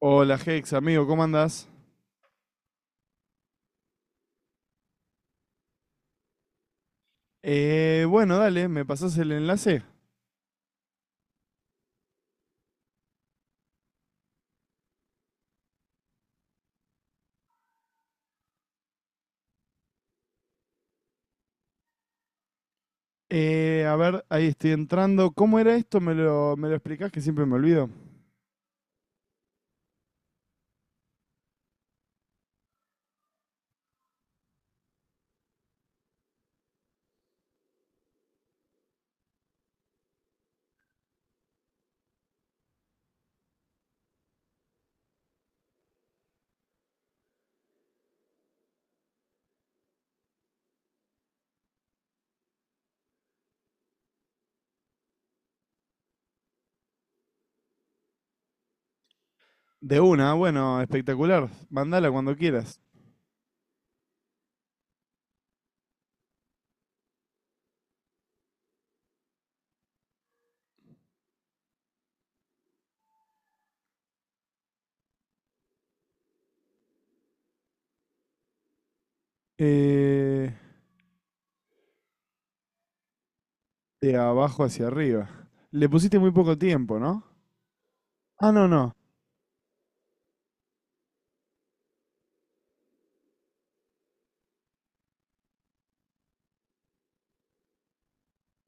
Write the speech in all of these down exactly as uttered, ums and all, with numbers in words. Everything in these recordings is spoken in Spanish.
Hola Hex, amigo, ¿cómo andás? Eh, bueno, Dale, me pasás el enlace. Eh, a ver, ahí estoy entrando. ¿Cómo era esto? ¿Me lo, me lo explicás que siempre me olvido? De una, bueno, espectacular. Mandala cuando quieras. Eh, de abajo hacia arriba. Le pusiste muy poco tiempo, ¿no? Ah, no, no.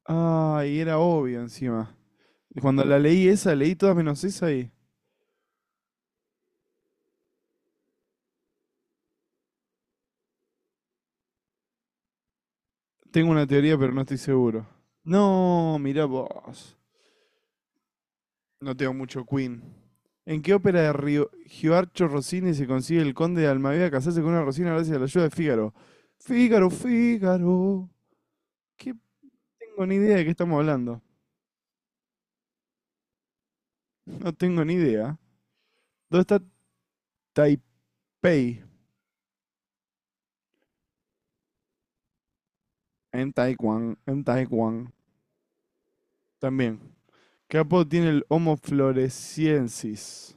Ah, y era obvio encima. Cuando la leí esa, leí todas menos esa y tengo una teoría, pero no estoy seguro. No, mirá vos. No tengo mucho Queen. ¿En qué ópera de Rio- Gioarcho Rossini se consigue el conde de Almaviva casarse con una Rosina gracias a la ayuda de Fígaro? Fígaro, Fígaro. ¿Qué tengo ni idea de qué estamos hablando? No tengo ni idea. ¿Dónde está Taipei? En Taiwán, en Taiwán. También. ¿Qué apodo tiene el Homo floresiensis?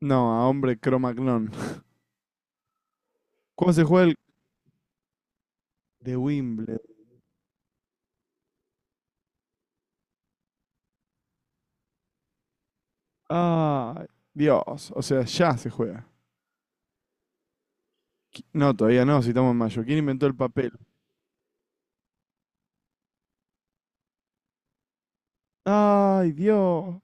No, a hombre cromagnón. ¿Cómo se juega el de Wimbledon? Ah, Dios. O sea, ya se juega. Qui- No, todavía no, si estamos en mayo. ¿Quién inventó el papel? Ay, Dios.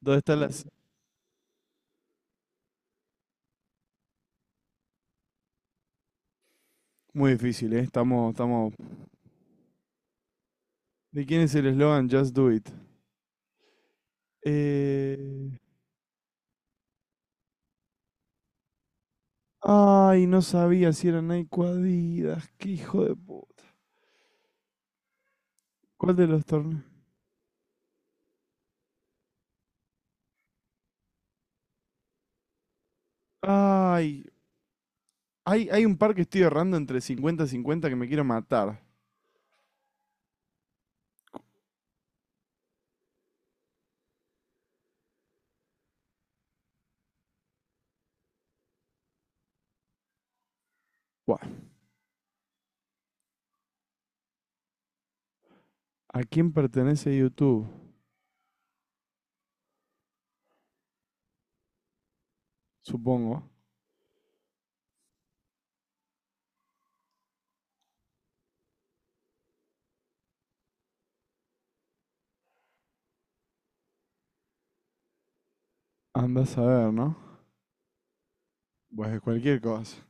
¿Dónde está la...? Muy difícil, ¿eh? Estamos, estamos... ¿De quién es el eslogan Just Do It? Eh... Ay, no sabía si era Nike o Adidas. Qué hijo de puta. ¿Cuál de los torneos? Ay, hay, hay un par que estoy errando entre cincuenta y cincuenta que me quiero matar. Buah. ¿A quién pertenece YouTube? Supongo. Andás a ver, ¿no? Pues cualquier cosa.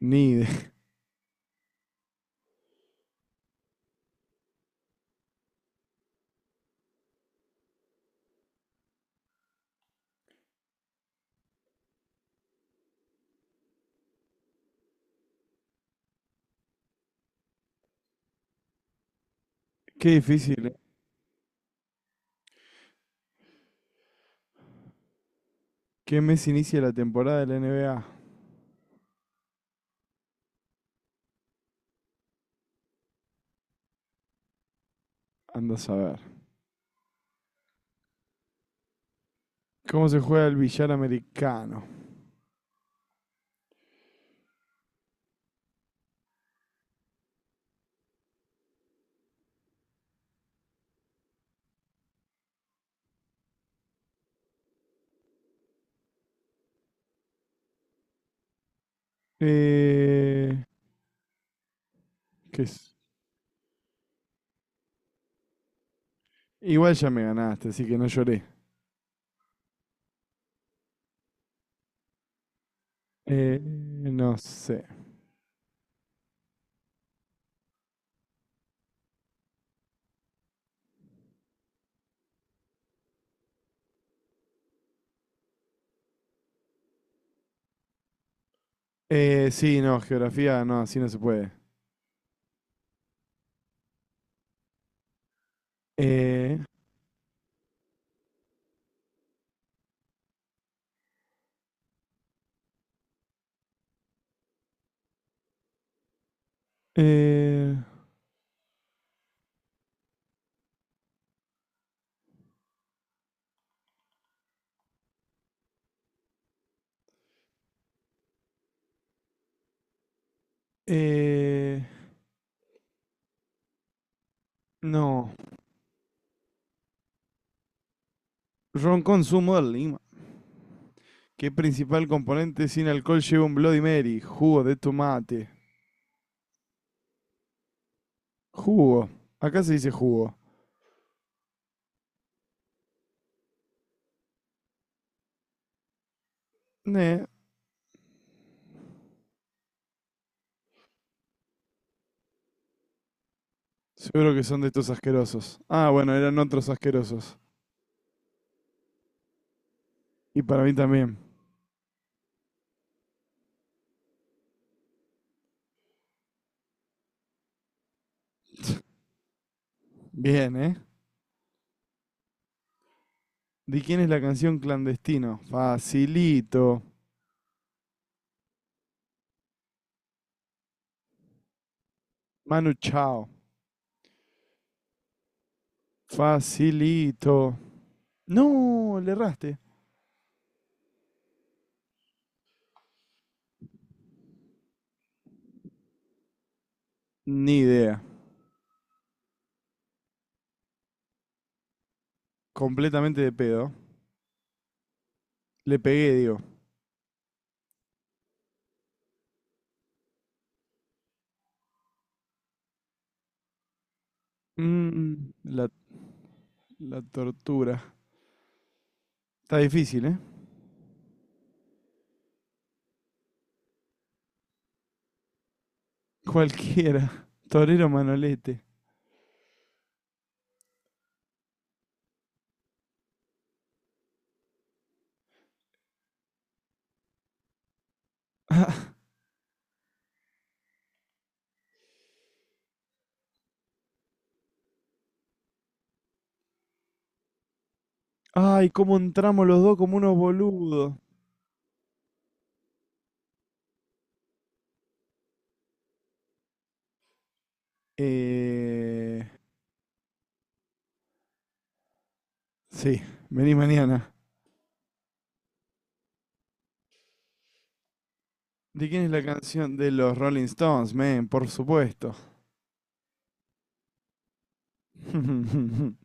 Ni idea. Qué difícil, ¿eh? ¿Qué mes inicia la temporada de la N B A? Andás a ver. ¿Cómo se juega el billar americano? Eh, ¿Qué es? Igual ya me ganaste, así que no lloré. Eh, no sé. Eh, sí, no, geografía, no, así no se puede. Eh, eh, eh, no. Ron con zumo de lima. ¿Qué principal componente sin alcohol lleva un Bloody Mary? Jugo de tomate. Jugo. Acá se dice jugo. Ne, seguro que son de estos asquerosos. Ah, bueno, eran otros asquerosos. Y para mí también. Bien, ¿eh? ¿De quién es la canción Clandestino? Facilito. Manu Chao. Facilito. No, le erraste. Ni idea. Completamente de pedo. Le pegué, digo. Mm, mm. la, la tortura. Está difícil, ¿eh? Cualquiera. Torero Manolete. Ay, cómo entramos los dos como unos boludos. Eh, sí, vení mañana. ¿De quién es la canción? De los Rolling Stones, men, por supuesto.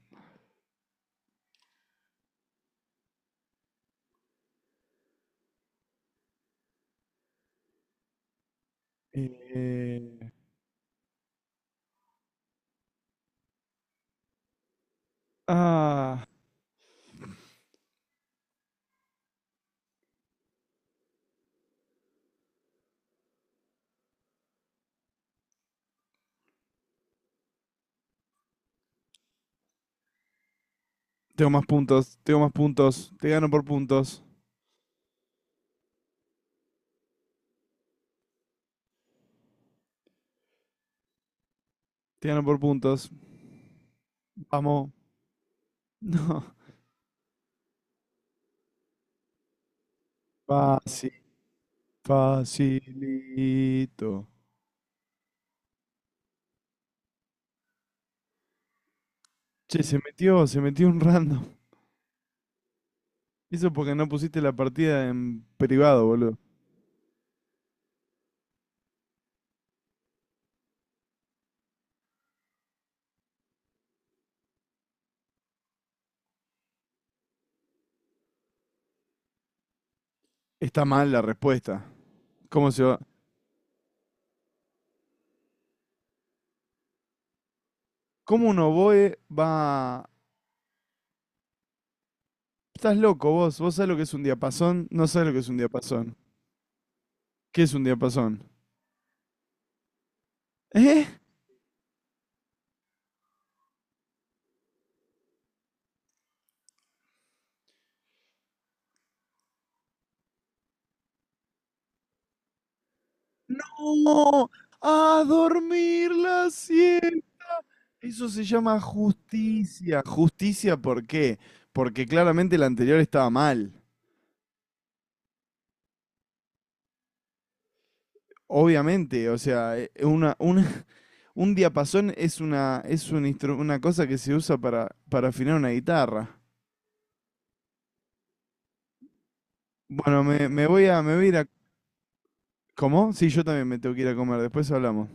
Eh, ah, Tengo más puntos, tengo más puntos. Te gano por puntos, te gano por puntos. Vamos. No. Fácil, facilito. Che, se metió, se metió un random. Eso porque no pusiste la partida en privado, boludo. Está mal la respuesta. ¿Cómo se va? ¿Cómo un oboe va? Estás loco vos, vos sabés lo que es un diapasón, no sabés lo que es un diapasón. ¿Qué es un diapasón? ¿Eh? No, a dormir las cien. Eso se llama justicia. ¿Justicia por qué? Porque claramente la anterior estaba mal. Obviamente, o sea, eh, una, una- un diapasón es una, es un instru- una cosa que se usa para, para afinar una guitarra. Bueno, me, me voy a, me voy a ir a... ¿Cómo? Sí, yo también me tengo que ir a comer, después hablamos.